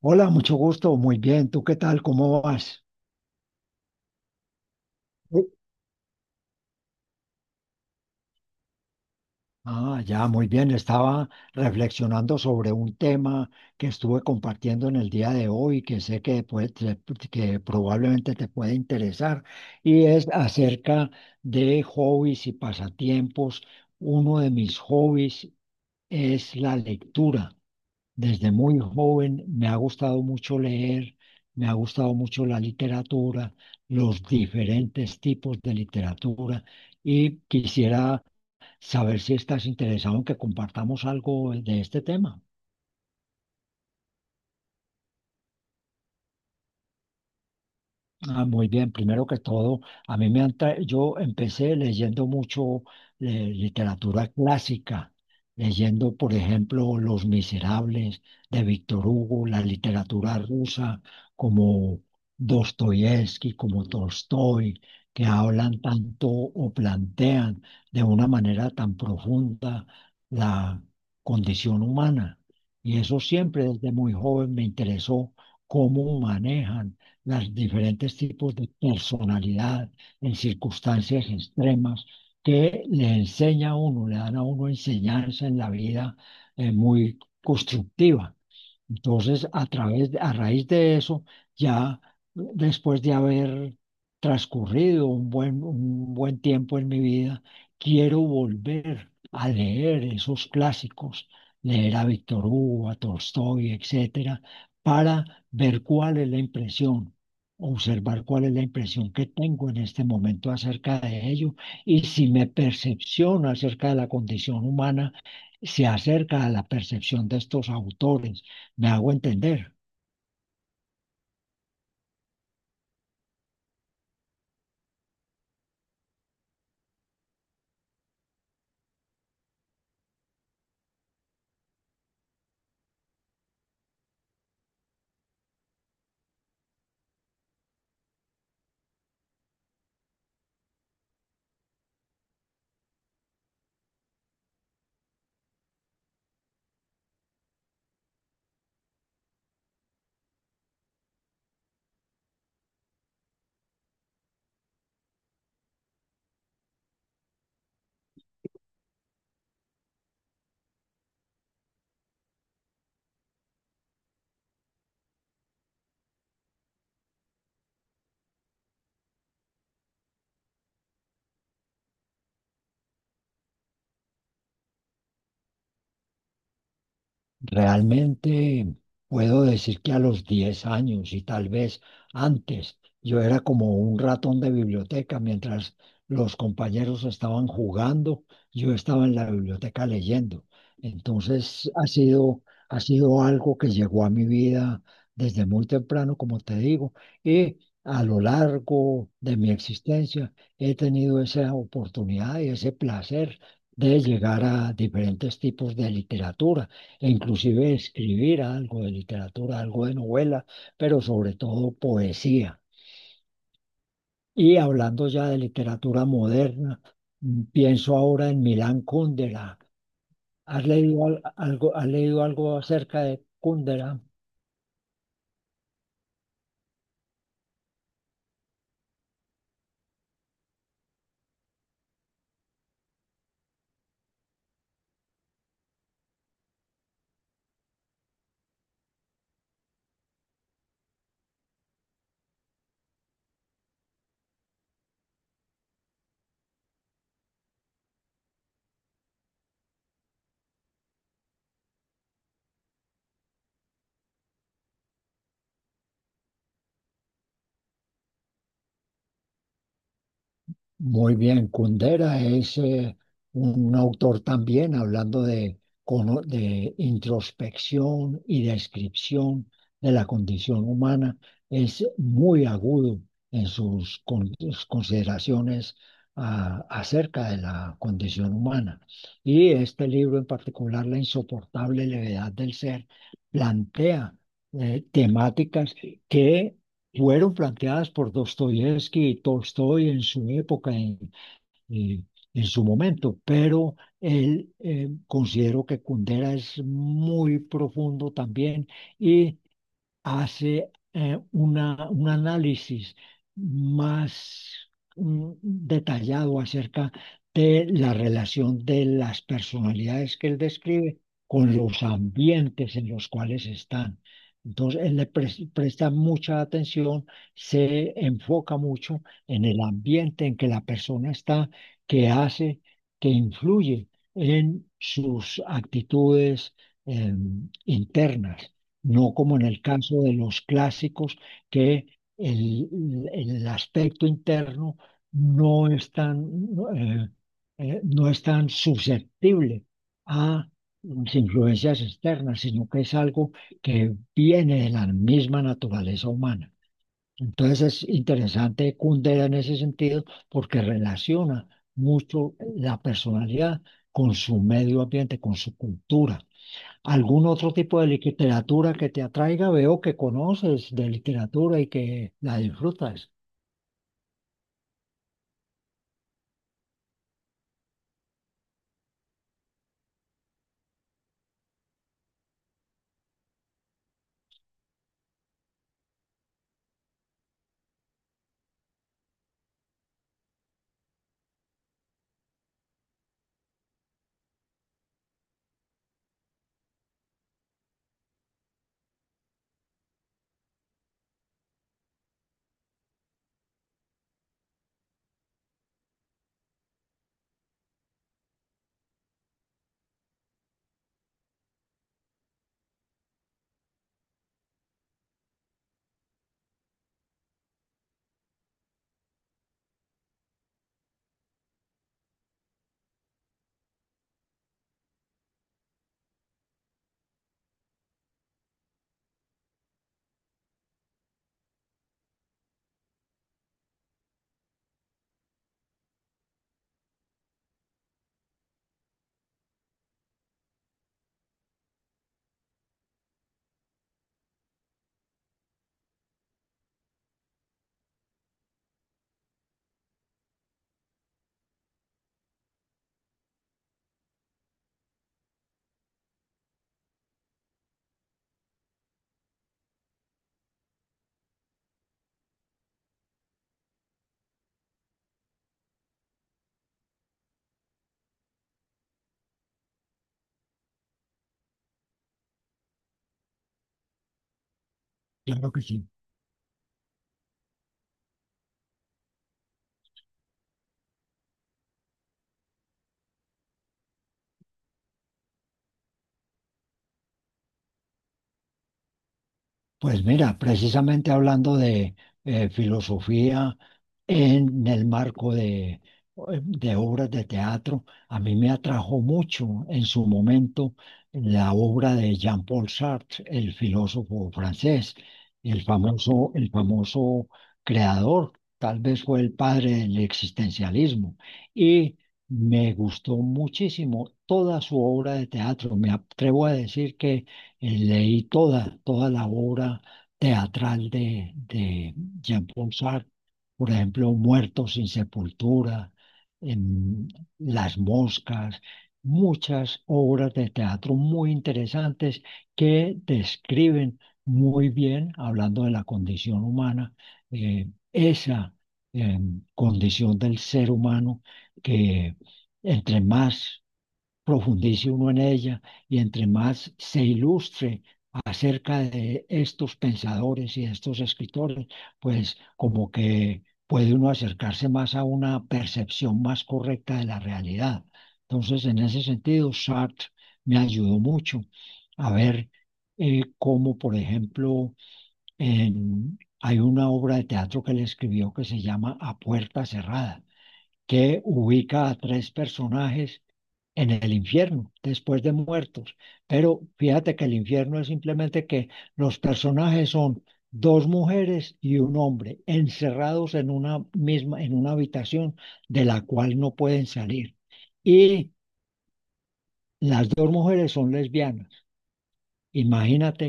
Hola, mucho gusto. Muy bien. ¿Tú qué tal? ¿Cómo vas? Bu- Ah, ya, muy bien. Estaba reflexionando sobre un tema que estuve compartiendo en el día de hoy, que sé que, que probablemente te puede interesar, y es acerca de hobbies y pasatiempos. Uno de mis hobbies es la lectura. Desde muy joven me ha gustado mucho leer, me ha gustado mucho la literatura, los diferentes tipos de literatura y quisiera saber si estás interesado en que compartamos algo de este tema. Ah, muy bien, primero que todo, a mí me han tra- yo empecé leyendo mucho eh, literatura clásica, leyendo, por ejemplo, Los Miserables de Víctor Hugo, la literatura rusa como Dostoyevsky, como Tolstoy, que hablan tanto o plantean de una manera tan profunda la condición humana. Y eso siempre desde muy joven me interesó cómo manejan los diferentes tipos de personalidad en circunstancias extremas que le enseña a uno, le dan a uno enseñanza en la vida muy constructiva. Entonces, a raíz de eso, ya después de haber transcurrido un buen tiempo en mi vida, quiero volver a leer esos clásicos, leer a Víctor Hugo, a Tolstoy, etcétera, para ver cuál es la impresión, observar cuál es la impresión que tengo en este momento acerca de ello y si mi percepción acerca de la condición humana se acerca a la percepción de estos autores. Me hago entender. Realmente puedo decir que a los 10 años y tal vez antes, yo era como un ratón de biblioteca. Mientras los compañeros estaban jugando, yo estaba en la biblioteca leyendo. Entonces ha sido algo que llegó a mi vida desde muy temprano, como te digo, y a lo largo de mi existencia he tenido esa oportunidad y ese placer de llegar a diferentes tipos de literatura e inclusive escribir algo de literatura, algo de novela, pero sobre todo poesía. Y hablando ya de literatura moderna, mm, pienso ahora en Milán Kundera. ¿Has leído algo, has leído algo acerca de Kundera? Muy bien, Kundera es un autor también hablando de, de introspección y descripción de la condición humana. Es muy agudo en sus consideraciones, acerca de la condición humana. Y este libro en particular, La insoportable levedad del ser, plantea temáticas que fueron planteadas por Dostoyevsky y Tolstoy en su época, eh, en su momento, pero él considero que Kundera es muy profundo también y hace un análisis más, mm, detallado acerca de la relación de las personalidades que él describe con los ambientes en los cuales están. Entonces, él presta mucha atención, se enfoca mucho en el ambiente en que la persona está, que hace, que influye en sus actitudes, internas, no como en el caso de los clásicos, que el aspecto interno no es tan, no es tan susceptible a las influencias externas, sino que es algo que viene de la misma naturaleza humana. Entonces es interesante Kundera en ese sentido porque relaciona mucho la personalidad con su medio ambiente, con su cultura. ¿Algún otro tipo de literatura que te atraiga? Veo que conoces de literatura y que la disfrutas. Claro que sí. Pues mira, precisamente hablando de filosofía, en el marco de obras de teatro. A mí me atrajo mucho en su momento la obra de Jean-Paul Sartre, el filósofo francés, el famoso creador, tal vez fue el padre del existencialismo. Y me gustó muchísimo toda su obra de teatro. Me atrevo a decir que leí toda la obra teatral de Jean-Paul Sartre. Por ejemplo, Muertos sin Sepultura, em, Las Moscas, muchas obras de teatro muy interesantes que describen muy bien, hablando de la condición humana, esa, em, condición del ser humano, que entre más profundice uno en ella y entre más se ilustre acerca de estos pensadores y de estos escritores, pues como que puede uno acercarse más a una percepción más correcta de la realidad. Entonces, en ese sentido, Sartre me ayudó mucho a ver, cómo, por ejemplo, hay una obra de teatro que él escribió que se llama A Puerta Cerrada, que ubica a 3 personajes en el infierno, después de muertos. Pero fíjate que el infierno es simplemente que los personajes son 2 mujeres y 1 hombre encerrados en una misma, en una habitación de la cual no pueden salir. Y las 2 mujeres son lesbianas. Imagínate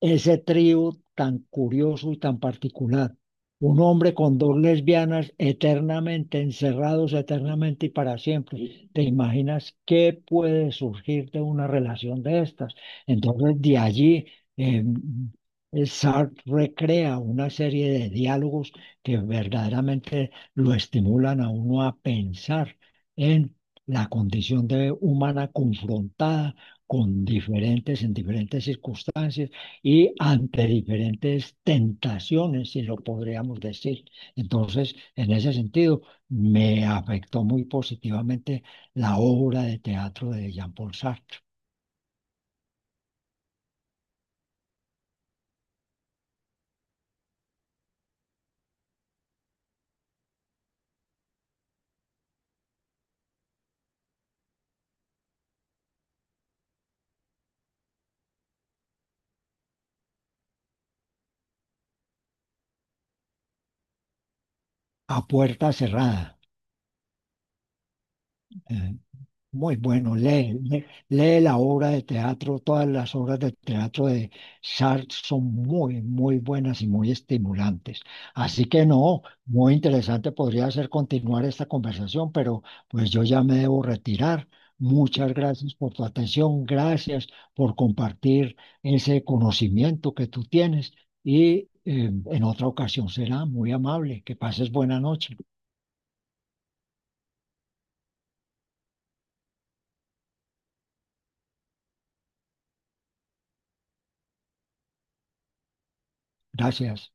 ese trío tan curioso y tan particular. Un hombre con 2 lesbianas eternamente encerrados, eternamente y para siempre. ¿Te imaginas qué puede surgir de una relación de estas? Entonces, de allí, eh, Sartre recrea una serie de diálogos que verdaderamente lo estimulan a uno a pensar en la condición de humana confrontada con diferentes, en diferentes circunstancias y ante diferentes tentaciones, si lo podríamos decir. Entonces, en ese sentido, me afectó muy positivamente la obra de teatro de Jean-Paul Sartre, A Puerta Cerrada. Eh, Muy bueno, lee la obra de teatro, todas las obras de teatro de Sartre son muy, muy buenas y muy estimulantes. Así que no, muy interesante podría ser continuar esta conversación, pero pues yo ya me debo retirar. Muchas gracias por tu atención, gracias por compartir ese conocimiento que tú tienes y, en otra ocasión será muy amable. Que pases buena noche. Gracias.